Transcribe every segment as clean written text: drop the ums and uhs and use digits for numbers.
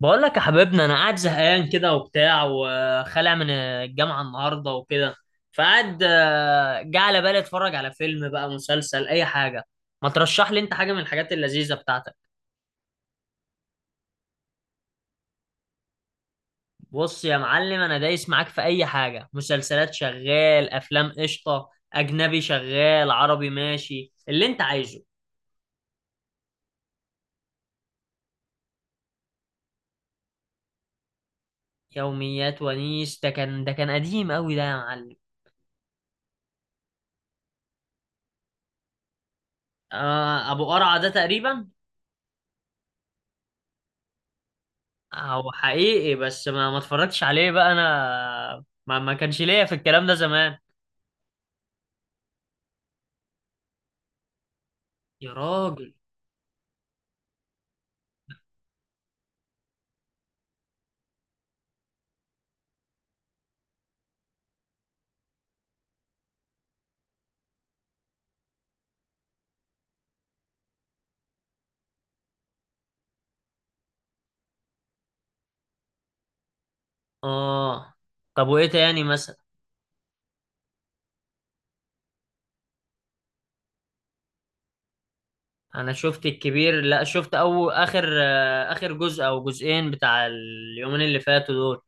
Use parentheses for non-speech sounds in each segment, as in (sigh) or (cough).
بقول لك يا حبيبنا، انا قاعد زهقان كده وبتاع وخالع من الجامعه النهارده وكده. فقعد جه على بالي اتفرج على فيلم، بقى مسلسل اي حاجه. ما ترشح لي انت حاجه من الحاجات اللذيذه بتاعتك. بص يا معلم، انا دايس معاك في اي حاجه. مسلسلات شغال، افلام قشطه، اجنبي شغال، عربي ماشي، اللي انت عايزه. يوميات ونيس ده كان قديم قوي ده يا معلم. آه ابو قرعه ده تقريبا. هو حقيقي بس ما اتفرجتش عليه بقى. انا ما كانش ليا في الكلام ده زمان. يا راجل. اه. طب وايه تاني مثلا؟ انا شفت الكبير. لا شفت او اخر، اخر جزء او جزئين بتاع اليومين اللي فاتوا دول.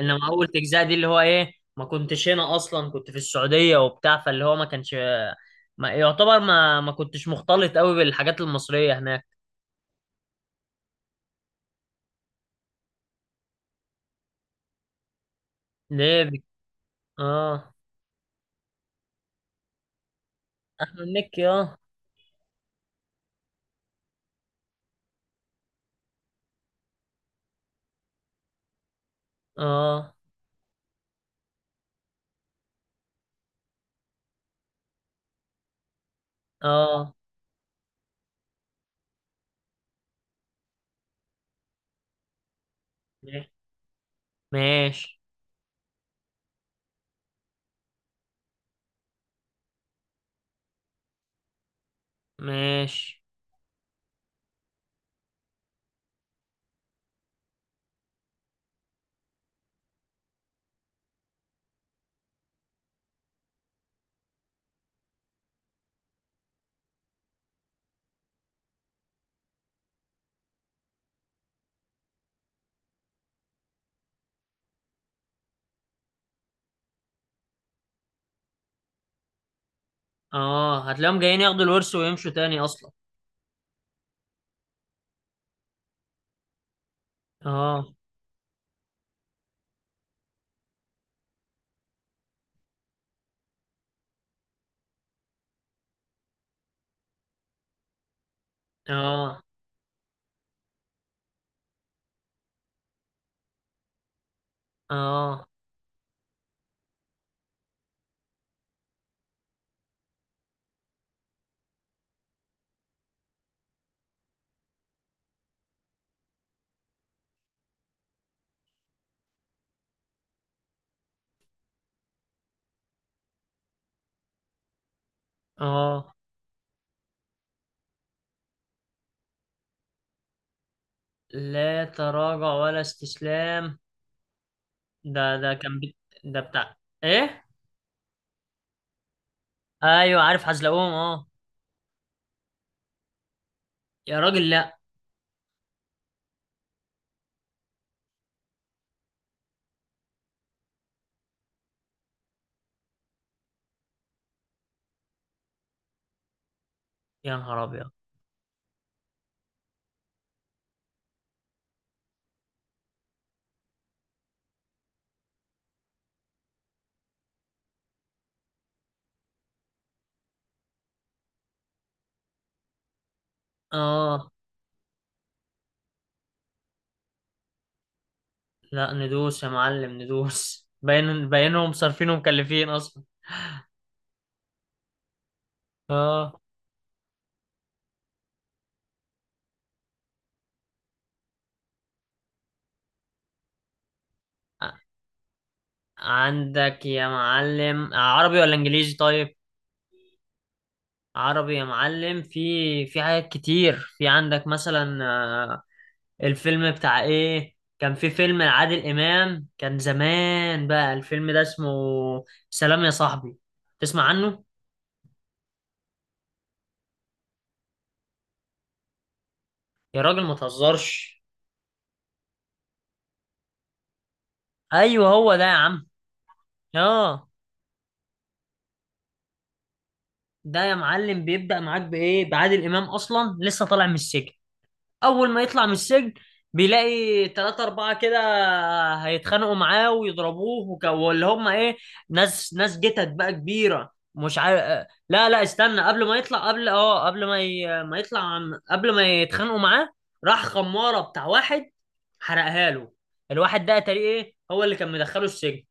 انما اول تجزاء دي اللي هو ايه، ما كنتش هنا اصلا، كنت في السعودية وبتاع، فاللي هو ما كانش، ما يعتبر ما كنتش مختلط قوي بالحاجات المصرية هناك. ليه بك- اه. احمد مكي اه. اه. اه. ماشي. ماشي. اه هتلاقيهم جايين ياخدوا الورث ويمشوا تاني اصلا. اه. اه. اه. اه. لا تراجع ولا استسلام. ده كان ده بتاع. ايه. ايوه عارف حزلقوم اه. يا راجل لا. يا نهار ابيض. اه. لا ندوس يا معلم، ندوس، باين باينهم صارفين ومكلفين اصلا. اه. ع- عندك يا معلم عربي ولا انجليزي؟ طيب عربي يا معلم. في حاجات كتير. في عندك مثلا، الفيلم بتاع ايه، كان في فيلم لعادل امام كان زمان، بقى الفيلم ده اسمه سلام يا صاحبي، تسمع عنه؟ يا راجل ما تهزرش. ايوه هو ده يا عم. اه. ده يا معلم بيبدأ معاك بايه؟ بعادل امام اصلا لسه طالع من السجن. اول ما يطلع من السجن بيلاقي تلاتة أربعة كده هيتخانقوا معاه ويضربوه، واللي هم إيه، ناس ناس جتت بقى كبيرة، مش عارف. لا لا استنى، قبل ما يطلع، قبل اه قبل ما يطلع قبل ما يتخانقوا معاه راح خمارة بتاع واحد حرقها له. الواحد ده تقريبا إيه، هو اللي كان مدخله السجن.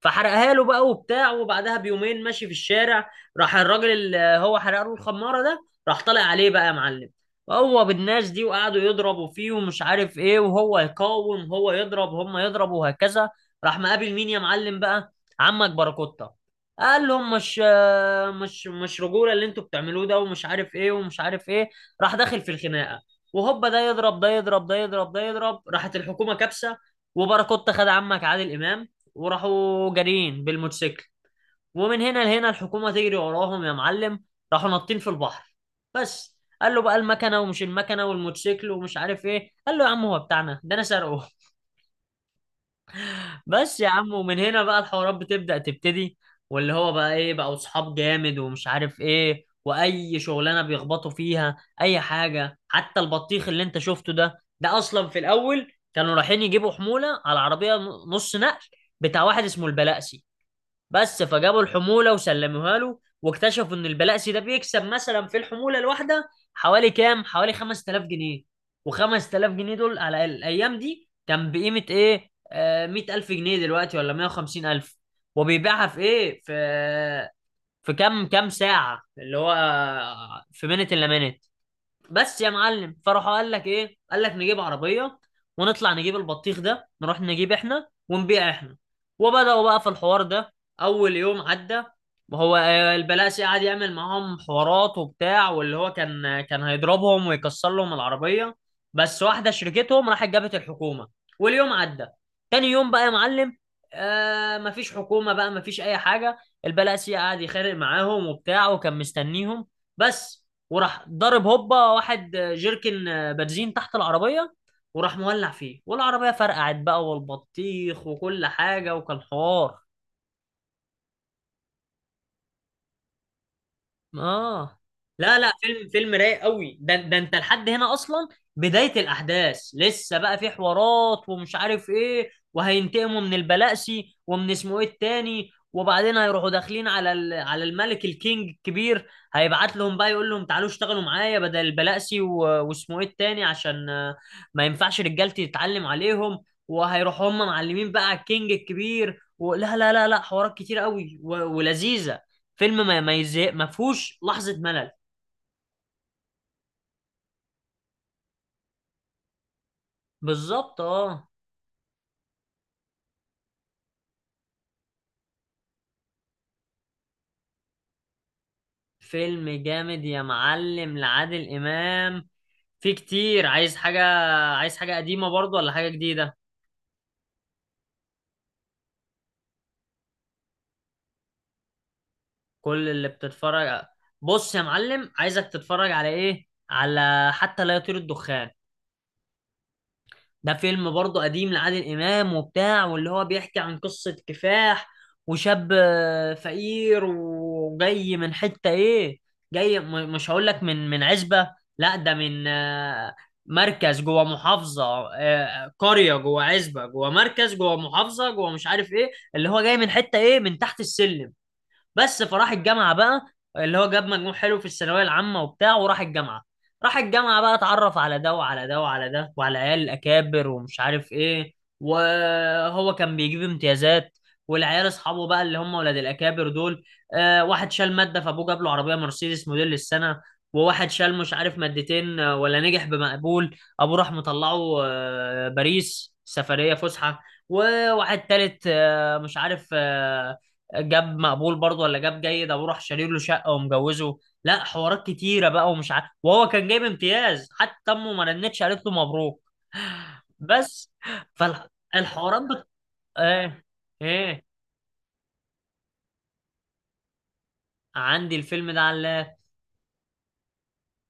فحرقها له بقى وبتاع. وبعدها بيومين ماشي في الشارع، راح الراجل اللي هو حرق له الخماره ده راح طالع عليه بقى يا معلم هو بالناس دي، وقعدوا يضربوا فيه ومش عارف ايه، وهو يقاوم، هو يضرب هم يضربوا وهكذا. راح مقابل مين يا معلم بقى؟ عمك باراكوتا. قال لهم مش رجوله اللي انتوا بتعملوه ده، ومش عارف ايه ومش عارف ايه. راح داخل في الخناقه. وهوبا ده يضرب ده يضرب ده يضرب ده يضرب، راحت الحكومه كابسه. وباراكوتا خد عمك عادل امام وراحوا جارين بالموتوسيكل، ومن هنا لهنا الحكومة تجري وراهم يا معلم. راحوا ناطين في البحر. بس قال له بقى المكنة ومش المكنة والموتوسيكل ومش عارف ايه، قال له يا عم هو بتاعنا ده، انا سارقه. (laughs) بس يا عم. ومن هنا بقى الحوارات بتبدأ تبتدي. واللي هو بقى ايه، بقى اصحاب جامد ومش عارف ايه، واي شغلانة بيخبطوا فيها اي حاجة. حتى البطيخ اللي انت شفته ده، ده اصلا في الاول كانوا رايحين يجيبوا حمولة على عربية نص نقل بتاع واحد اسمه البلقسي. بس فجابوا الحمولة وسلموها له، واكتشفوا ان البلاسي ده بيكسب مثلا في الحمولة الواحدة حوالي كام؟ حوالي 5000 جنيه. و5000 جنيه دول على الايام دي كان بقيمة ايه؟ آه 100000 جنيه دلوقتي ولا 150000. وبيبيعها في ايه؟ في كام كام ساعة اللي هو، في منت الا منت. بس يا معلم. فراح قال لك ايه؟ قال لك نجيب عربيه ونطلع نجيب البطيخ ده، نروح نجيب احنا ونبيع احنا. وبداوا بقى في الحوار ده. اول يوم عدى وهو البلاسي قعد يعمل معاهم حوارات وبتاع، واللي هو كان هيضربهم ويكسر لهم العربيه بس، واحده شركتهم راحت جابت الحكومه واليوم عدى. تاني يوم بقى يا معلم آه مفيش حكومه بقى، مفيش اي حاجه. البلاسي قعد يخرق معاهم وبتاع وكان مستنيهم بس، وراح ضرب هوبا واحد جيركن بنزين تحت العربية وراح مولع فيه والعربية فرقعت بقى والبطيخ وكل حاجة، وكان حوار. اه. لا لا، فيلم رايق قوي ده. ده انت لحد هنا اصلا بداية الاحداث، لسه بقى في حوارات ومش عارف ايه، وهينتقموا من البلاسي ومن اسمه ايه التاني، وبعدين هيروحوا داخلين على على الملك الكينج الكبير. هيبعت لهم بقى يقول لهم تعالوا اشتغلوا معايا بدل البلاسي واسمه ايه التاني عشان ما ينفعش رجالتي تتعلم عليهم. وهيروحوا هم معلمين بقى على الكينج الكبير. ولا لا لا لا لا، حوارات كتير قوي ولذيذة. فيلم ما يزهق، ما فيهوش لحظة ملل. بالظبط اه. فيلم جامد يا معلم لعادل إمام. في كتير. عايز حاجة، عايز حاجة قديمة برضو ولا حاجة جديدة؟ كل اللي بتتفرج. بص يا معلم عايزك تتفرج على ايه؟ على حتى لا يطير الدخان. ده فيلم برضه قديم لعادل إمام وبتاع، واللي هو بيحكي عن قصة كفاح. وشاب فقير وجاي من حتة إيه، جاي مش هقول لك، من عزبة. لا ده من، مركز جوه محافظة. قرية جوه عزبة جوه مركز جوه محافظة جوه مش عارف إيه، اللي هو جاي من حتة إيه، من تحت السلم بس. فراح الجامعه بقى اللي هو جاب مجموع حلو في الثانويه العامه وبتاع وراح الجامعه. راح الجامعه بقى اتعرف على ده وعلى ده وعلى ده وعلى عيال الاكابر ومش عارف ايه، وهو كان بيجيب امتيازات والعيال اصحابه بقى اللي هم ولاد الاكابر دول. آه واحد شال ماده فابوه جاب له عربيه مرسيدس موديل السنه، وواحد شال مش عارف مادتين، ولا نجح بمقبول ابوه راح مطلعه، باريس سفريه فسحه. وواحد تالت مش عارف، جاب مقبول برضه ولا جاب جيد ابوه راح شاري له شقه ومجوزه. لا حوارات كتيره بقى ومش عارف، وهو كان جايب امتياز حتى امه ما رنتش قالت له مبروك. (laughs) بس. فالحوارات ايه. ايه. عندي الفيلم ده على اللاب.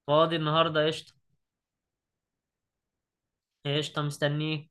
فاضي النهارده قشطه. قشطه مستنيه.